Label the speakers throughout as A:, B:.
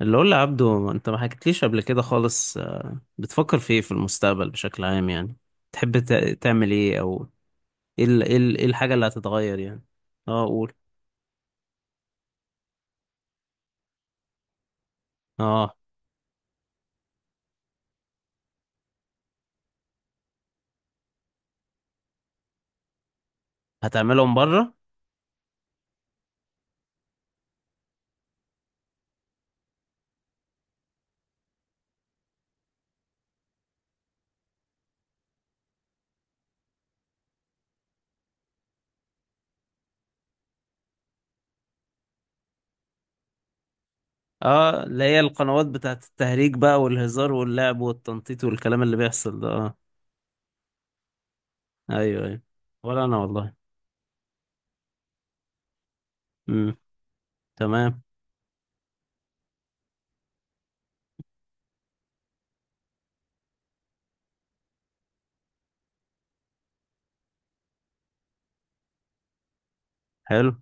A: اللي قول لي عبدو، انت ما حكيتليش قبل كده خالص. بتفكر في ايه في المستقبل بشكل عام يعني؟ تحب تعمل ايه؟ او ايه الحاجة اللي هتتغير يعني؟ اه، قول. اه، هتعملهم بره؟ اه، اللي هي القنوات بتاعت التهريج بقى والهزار واللعب والتنطيط والكلام اللي بيحصل ده. اه. ايوه، ايوه. ولا انا والله. امم. تمام. حلو.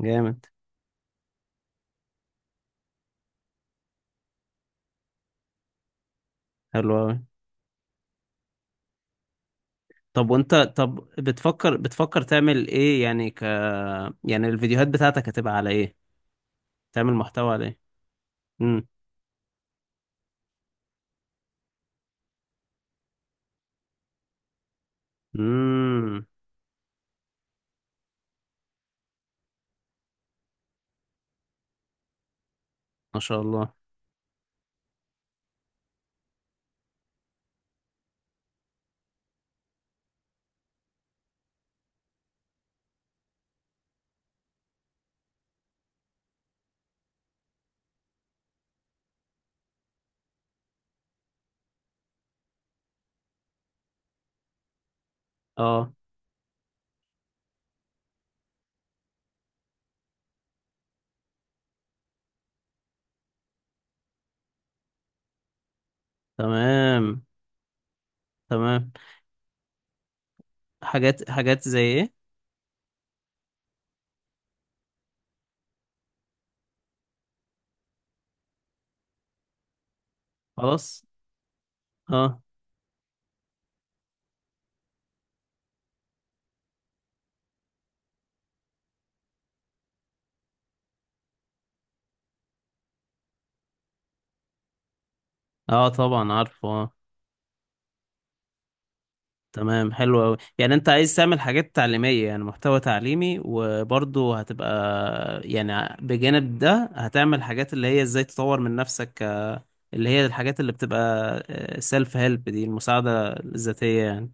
A: جامد. حلو قوي. طب وانت بتفكر تعمل ايه يعني يعني الفيديوهات بتاعتك هتبقى على ايه؟ تعمل محتوى عليه؟ امم، امم. ما شاء الله. اه، تمام، تمام. حاجات زي ايه؟ خلاص. اه. اه، طبعا عارفه. اه. تمام، حلو قوي. يعني انت عايز تعمل حاجات تعليمية، يعني محتوى تعليمي، وبرضه هتبقى، يعني بجانب ده هتعمل حاجات اللي هي ازاي تطور من نفسك، اللي هي الحاجات اللي بتبقى سيلف هيلب، دي المساعدة الذاتية يعني.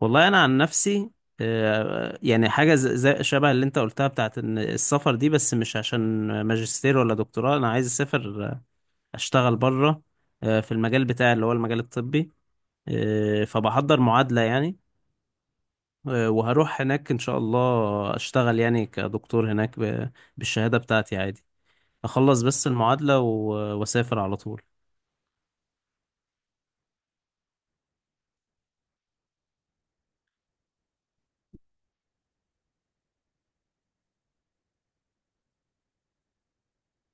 A: والله انا عن نفسي، يعني حاجه زي شبه اللي انت قلتها بتاعت ان السفر دي، بس مش عشان ماجستير ولا دكتوراه. انا عايز اسافر، اشتغل بره، في المجال بتاعي اللي هو المجال الطبي. فبحضر معادله يعني، وهروح هناك ان شاء الله. اشتغل يعني كدكتور هناك بالشهاده بتاعتي عادي. اخلص بس المعادله واسافر على طول.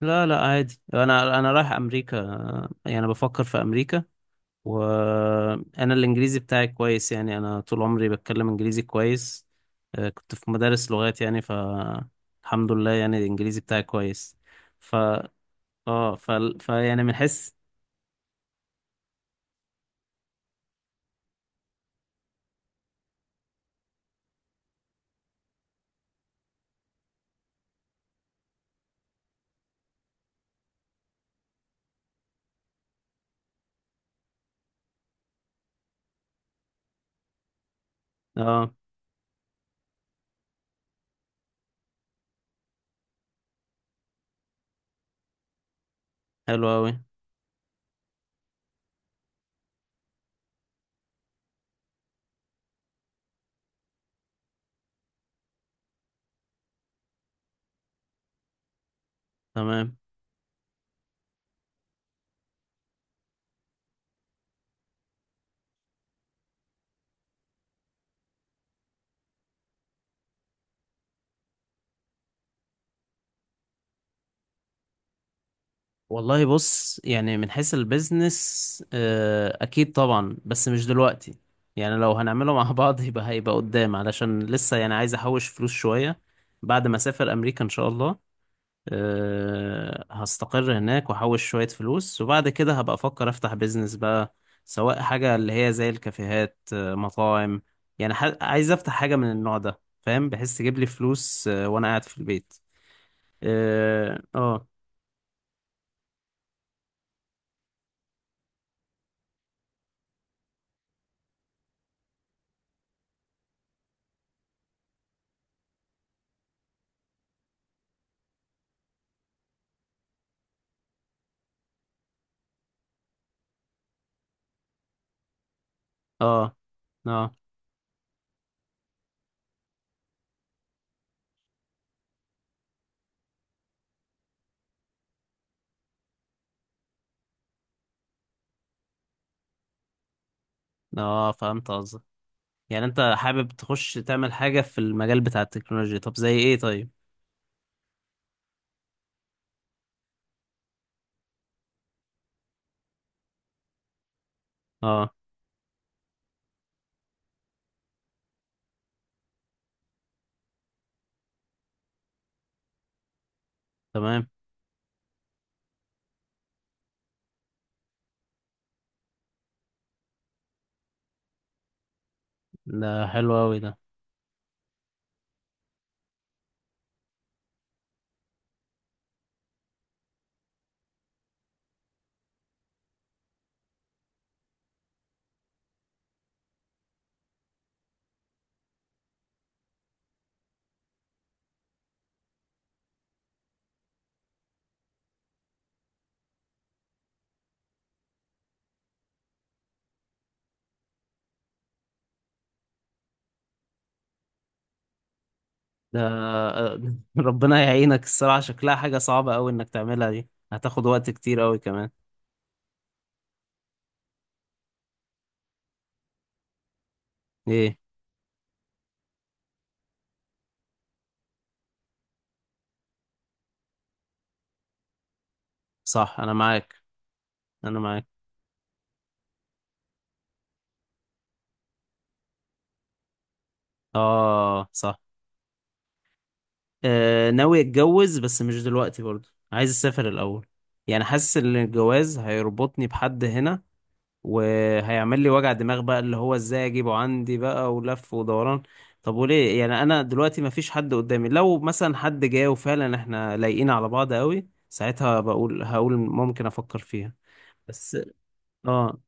A: لا، لا، عادي. انا رايح امريكا، يعني بفكر في امريكا. وانا الانجليزي بتاعي كويس، يعني انا طول عمري بتكلم انجليزي كويس. كنت في مدارس لغات يعني. الحمد لله، يعني الانجليزي بتاعي كويس. ف اه ف... ف يعني من حيث. اه، حلو قوي، تمام. والله بص، يعني من حيث البيزنس، اكيد طبعا بس مش دلوقتي. يعني لو هنعمله مع بعض يبقى هيبقى قدام، علشان لسه يعني عايز احوش فلوس شوية بعد ما اسافر امريكا ان شاء الله. هستقر هناك واحوش شوية فلوس، وبعد كده هبقى افكر افتح بيزنس بقى، سواء حاجة اللي هي زي الكافيهات، مطاعم. يعني عايز افتح حاجة من النوع ده. فاهم؟ بحس تجيب لي فلوس وانا قاعد في البيت. اه، اه، اه، اه. فهمت قصدك. يعني انت حابب تخش تعمل حاجة في المجال بتاع التكنولوجيا؟ طب زي ايه؟ طيب. اه، تمام. ده حلو اوي ده. ده. ربنا يعينك، الصراحة شكلها حاجة صعبة أوي إنك تعملها دي، هتاخد وقت كتير أوي كمان. إيه؟ صح، أنا معاك. أنا معاك. آه، صح. آه، ناوي أتجوز بس مش دلوقتي برضه، عايز أسافر الأول. يعني حاسس إن الجواز هيربطني بحد هنا، وهيعمل لي وجع دماغ بقى، اللي هو إزاي أجيبه عندي بقى ولف ودوران. طب وليه يعني؟ أنا دلوقتي مفيش حد قدامي. لو مثلا حد جاي وفعلا إحنا لايقين على بعض أوي، ساعتها هقول ممكن أفكر فيها بس. اه،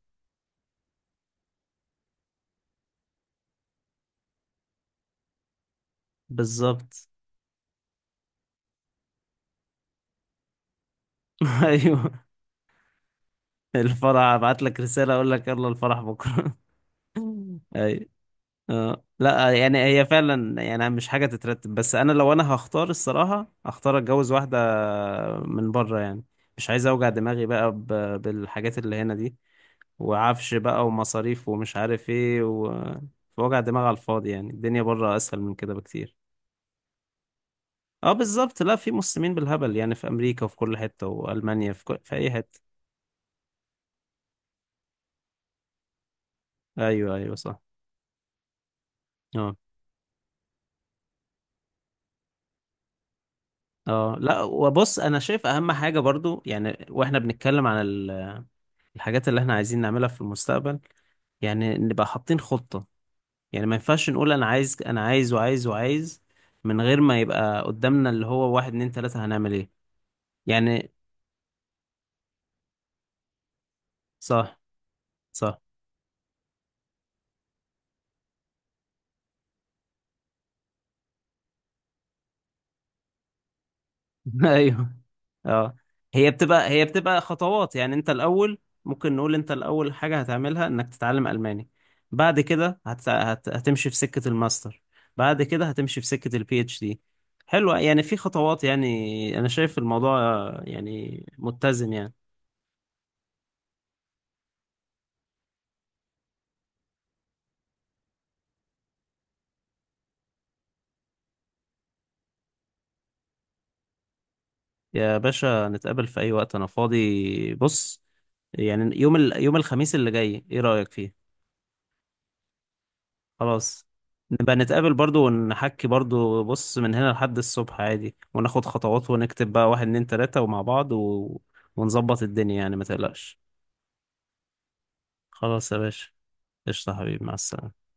A: بالظبط. ايوه. الفرح ابعت لك رسالة اقول لك، يلا الفرح بكرة. اي. اه لا، يعني هي فعلا يعني مش حاجة تترتب. بس انا لو انا هختار، الصراحة هختار اتجوز واحدة من بره يعني. مش عايز اوجع دماغي بقى بالحاجات اللي هنا دي، وعفش بقى ومصاريف ومش عارف ايه وجع دماغ على الفاضي. يعني الدنيا بره اسهل من كده بكتير. اه، بالظبط. لا، في مسلمين بالهبل يعني في امريكا وفي كل حتة والمانيا، في اي حتة. ايوه، ايوه، صح. اه، اه، لا. وبص، انا شايف اهم حاجه برضو يعني، واحنا بنتكلم عن الحاجات اللي احنا عايزين نعملها في المستقبل، يعني نبقى حاطين خطه. يعني ما ينفعش نقول انا عايز، انا عايز وعايز وعايز، من غير ما يبقى قدامنا اللي هو واحد، اتنين، تلاته هنعمل ايه. يعني صح، صح. ايوه. اه، هي بتبقى خطوات، يعني انت الاول. ممكن نقول انت الاول حاجه هتعملها انك تتعلم الماني. بعد كده هتمشي في سكه الماستر. بعد كده هتمشي في سكه PhD. حلوه، يعني في خطوات، يعني انا شايف الموضوع يعني متزن يعني. يا باشا، نتقابل في اي وقت، انا فاضي. بص، يعني يوم يوم الخميس اللي جاي، ايه رايك فيه؟ خلاص. نبقى نتقابل برضو ونحكي برضو. بص، من هنا لحد الصبح عادي، وناخد خطوات ونكتب بقى واحد، اتنين، تلاتة، ومع بعض ونظبط الدنيا، يعني ما تقلقش. خلاص يا باشا. قشطة حبيبي، مع السلامة.